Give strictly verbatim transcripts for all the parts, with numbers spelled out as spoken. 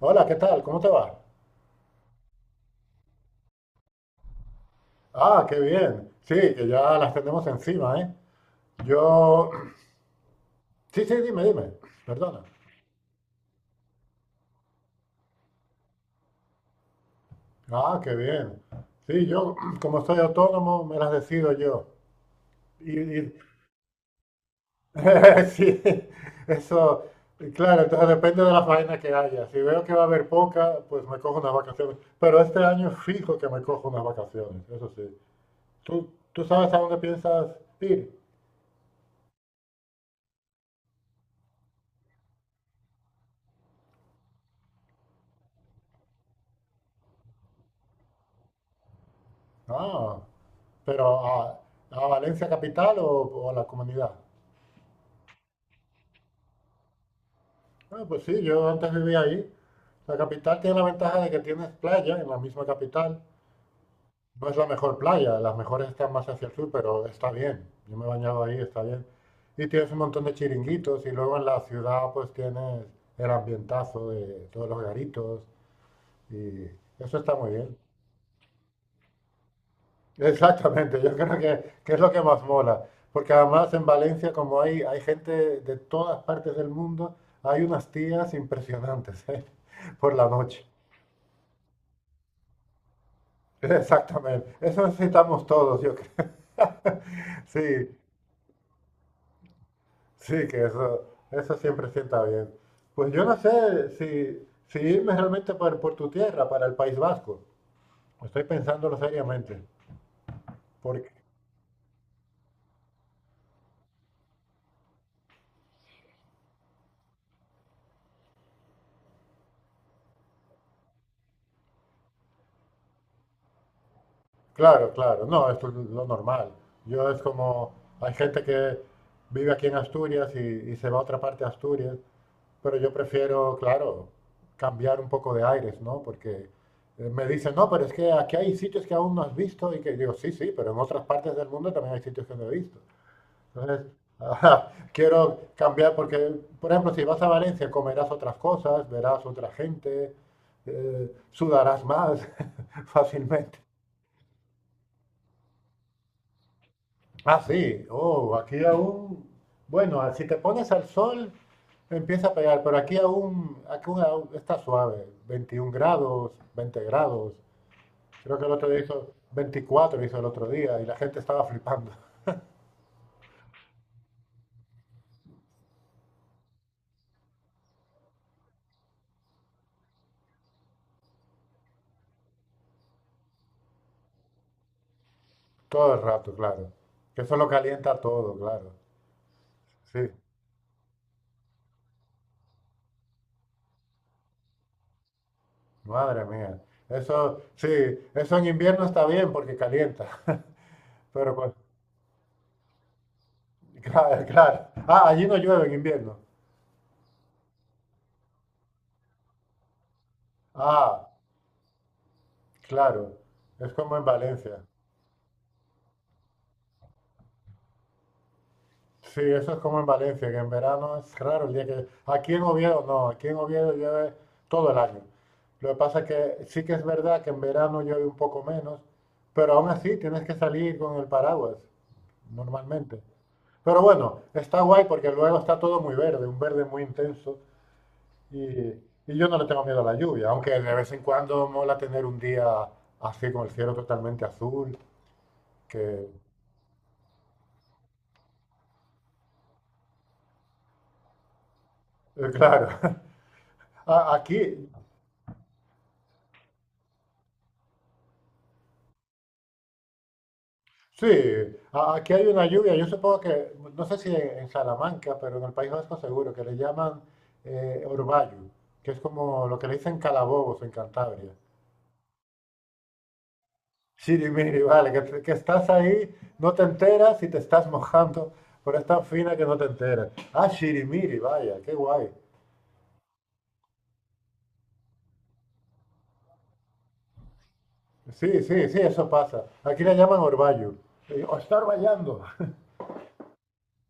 Hola, ¿qué tal? ¿Cómo te va? Ah, qué bien. Sí, que ya las tenemos encima, ¿eh? Yo... Sí, sí, dime, dime. Perdona. Ah, qué bien. Sí, yo, como soy autónomo, me las decido yo. Y, y- Sí, eso... Claro, entonces depende de la faena que haya. Si veo que va a haber poca, pues me cojo unas vacaciones. Pero este año fijo que me cojo unas vacaciones, eso sí. ¿Tú, tú sabes a dónde piensas ir? Ah. Pero a, a Valencia capital o, o a la comunidad. Ah, pues sí, yo antes vivía ahí. La capital tiene la ventaja de que tienes playa en la misma capital. No es la mejor playa, las mejores están más hacia el sur, pero está bien. Yo me he bañado ahí, está bien. Y tienes un montón de chiringuitos y luego en la ciudad pues tienes el ambientazo de todos los garitos y eso está muy bien. Exactamente, yo creo que, que es lo que más mola, porque además en Valencia, como hay, hay gente de todas partes del mundo, hay unas tías impresionantes, ¿eh? Por la noche. Exactamente, eso necesitamos todos, yo creo. Sí, sí, que eso, eso siempre sienta bien. Pues yo no sé si, si irme realmente por, por tu tierra, para el País Vasco. Estoy pensándolo seriamente. Claro, claro, no, esto es lo normal. Yo es como, hay gente que vive aquí en Asturias y, y se va a otra parte de Asturias, pero yo prefiero, claro, cambiar un poco de aires, ¿no? Porque eh, me dicen, no, pero es que aquí hay sitios que aún no has visto y que digo, sí, sí, pero en otras partes del mundo también hay sitios que no he visto. Entonces, ajá, quiero cambiar porque, por ejemplo, si vas a Valencia, comerás otras cosas, verás otra gente, eh, sudarás más fácilmente. Ah, sí. Oh, aquí aún. Bueno, ah, si te pones al sol, empieza a pegar, pero aquí aún, aquí aún- aún está suave. Veintiún grados, veinte grados. Creo que el otro día hizo veinticuatro, hizo el otro día, y la gente estaba flipando. Todo el rato, claro. Que eso lo calienta todo, claro. Sí, madre mía. Eso, sí, eso en invierno está bien porque calienta. Pero, cu- claro, claro. Ah, allí no llueve en invierno. Ah, claro. Es como en Valencia. Sí, eso es como en Valencia, que en verano es raro el día que. Aquí en Oviedo no, aquí en Oviedo llueve todo el año. Lo que pasa es que sí que es verdad que en verano llueve un poco menos, pero aún así tienes que salir con el paraguas normalmente. Pero bueno, está guay porque luego está todo muy verde, un verde muy intenso y, y yo no le tengo miedo a la lluvia, aunque de vez en cuando mola tener un día así con el cielo totalmente azul, que eh, claro, a- aquí sí, a- aquí hay una lluvia. Yo supongo que, no sé si en, en Salamanca, pero en el País Vasco seguro, que le llaman eh, orvallo, que es como lo que le dicen calabobos en Cantabria. Miri vale, que, te- que estás ahí, no te enteras y te estás mojando, pero es tan fina que no te enteras. Ah, sirimiri, vaya, qué guay. Sí, sí, sí, eso pasa. Aquí le llaman orvallo. Eh, O está orvallando.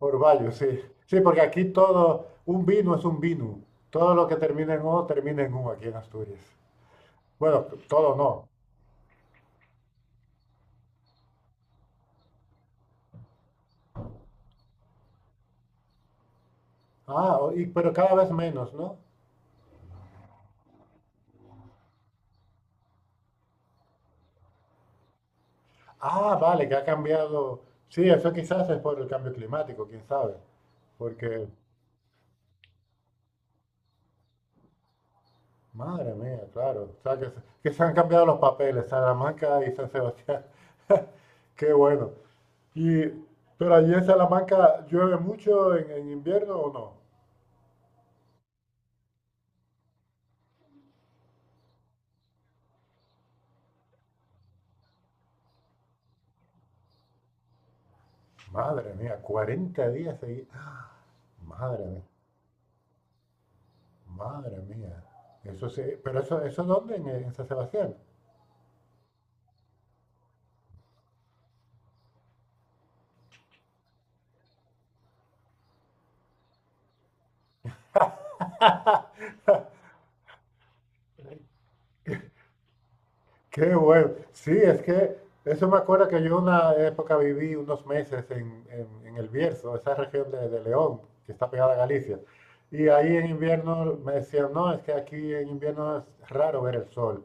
Orvallo, sí. Sí, porque aquí todo, un vino es un vino. Todo lo que termina en O termina en U aquí en Asturias. Bueno, todo no. Ah, o- y- pero cada vez menos, ¿no? Ah, vale, que ha cambiado. Sí, eso quizás es por el cambio climático, quién sabe. Porque, madre mía, claro. O sea, que, se- que se han cambiado los papeles, Salamanca y San Sebastián. Qué bueno. Y, ¿Pero allí en Salamanca llueve mucho en, en invierno o no? Madre mía, cuarenta días seguidos. ¡Ah! Madre mía, madre mía. Eso sí, pero eso, ¿eso dónde? En, en San Sebastián. Qué bueno. Sí, es que eso me acuerda que yo una época viví unos meses en, en- en el Bierzo, esa región de, de León, que está pegada a Galicia. Y ahí en invierno me decían, no, es que aquí en invierno es raro ver el sol.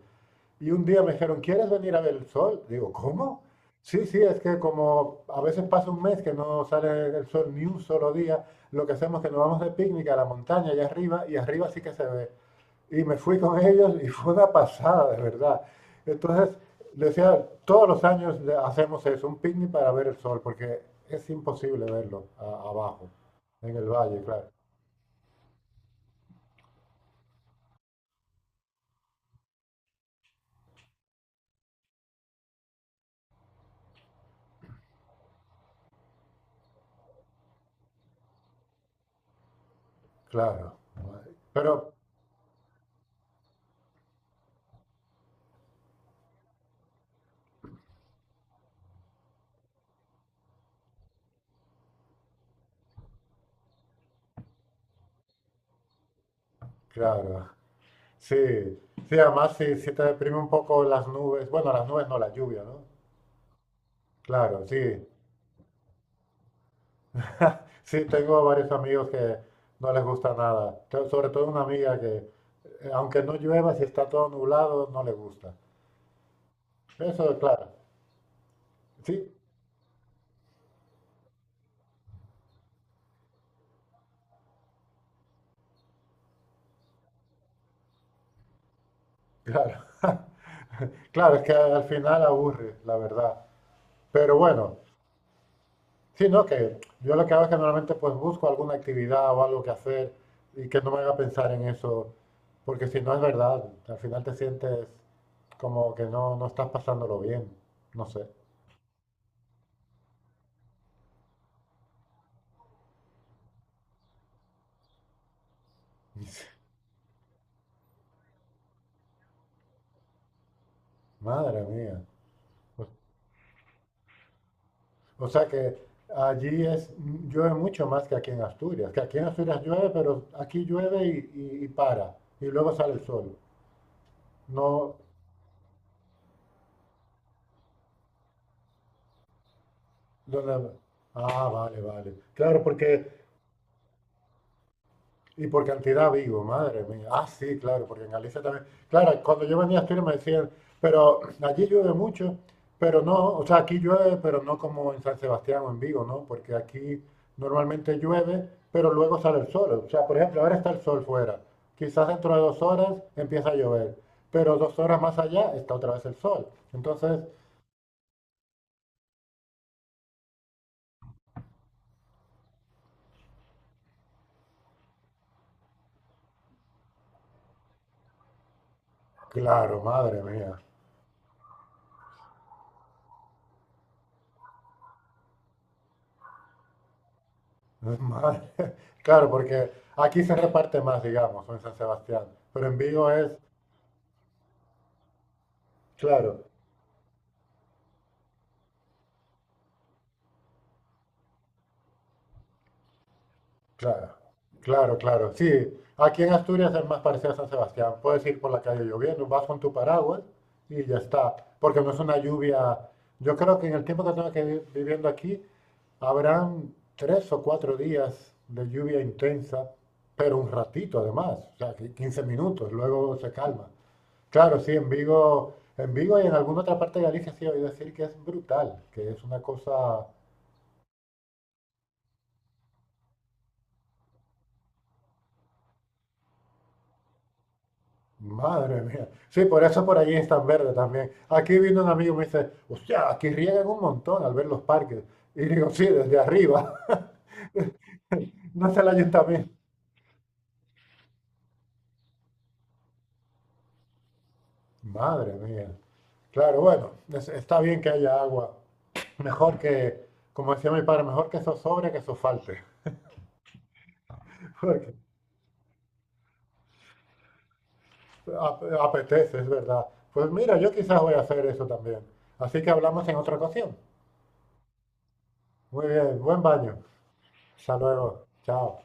Y un día me dijeron, ¿quieres venir a ver el sol? Digo, ¿cómo? Sí, sí, es que como a veces pasa un mes que no sale el sol ni un solo día, lo que hacemos es que nos vamos de picnic a la montaña allá arriba y arriba sí que se ve. Y me fui con ellos y fue una pasada, de verdad. Entonces, le decía, todos los años le- hacemos eso, un picnic para ver el sol, porque es imposible verlo a- abajo, en el valle, claro. Claro. Pero, claro. Sí, sí, además si si te deprime un poco las nubes, bueno, las nubes no, la lluvia, ¿no? Claro, sí. Sí, tengo varios amigos que no les gusta nada. Tengo sobre todo una amiga que, eh, aunque no llueva, si está todo nublado, no le gusta. Eso, claro. Sí, claro. Claro, es que al final aburre, la verdad. Pero bueno. Sí, no, que yo lo que hago es que normalmente pues busco alguna actividad o algo que hacer y que no me haga pensar en eso, porque si no es verdad, al final te sientes como que no, no estás pasándolo bien, no sé, madre mía. O, o sea que allí es, llueve mucho más que aquí en Asturias, que aquí en Asturias llueve, pero aquí llueve y, y- y para, y luego sale el sol. No, donde ah, vale, vale. Claro, porque y por cantidad Vigo, madre mía. Ah, sí, claro, porque en Galicia también. Claro, cuando yo venía a Asturias me decían, pero allí llueve mucho, pero no, o sea, aquí llueve, pero no como en San Sebastián o en Vigo, ¿no? Porque aquí normalmente llueve, pero luego sale el sol. O sea, por ejemplo, ahora está el sol fuera. Quizás dentro de dos horas empieza a llover, pero dos horas más allá está otra vez el sol. Entonces, claro, madre mía. Madre. Claro, porque aquí se reparte más, digamos, o en San Sebastián, pero en Vigo es claro, claro, claro, claro. Sí, aquí en Asturias es más parecido a San Sebastián. Puedes ir por la calle lloviendo, vas con tu paraguas y ya está. Porque no es una lluvia. Yo creo que en el tiempo que tengo que vi- viviendo aquí habrán tres o cuatro días de lluvia intensa, pero un ratito además, o sea, que quince minutos, luego se calma. Claro, sí, en Vigo, en Vigo y en alguna otra parte de Galicia sí he oído decir que es brutal, que es una cosa. Madre mía. Sí, por eso por allí es tan verde también. Aquí vino un amigo y me dice, hostia, aquí riegan un montón al ver los parques. Y digo, sí, desde arriba, no es el ayuntamiento. Madre mía. Claro, bueno, es- está bien que haya agua. Mejor que, como decía mi padre, mejor que eso sobre que eso falte. Porque ap- apetece, es verdad. Pues mira, yo quizás voy a hacer eso también. Así que hablamos en otra ocasión. Muy bien, buen baño. Hasta luego. Chao.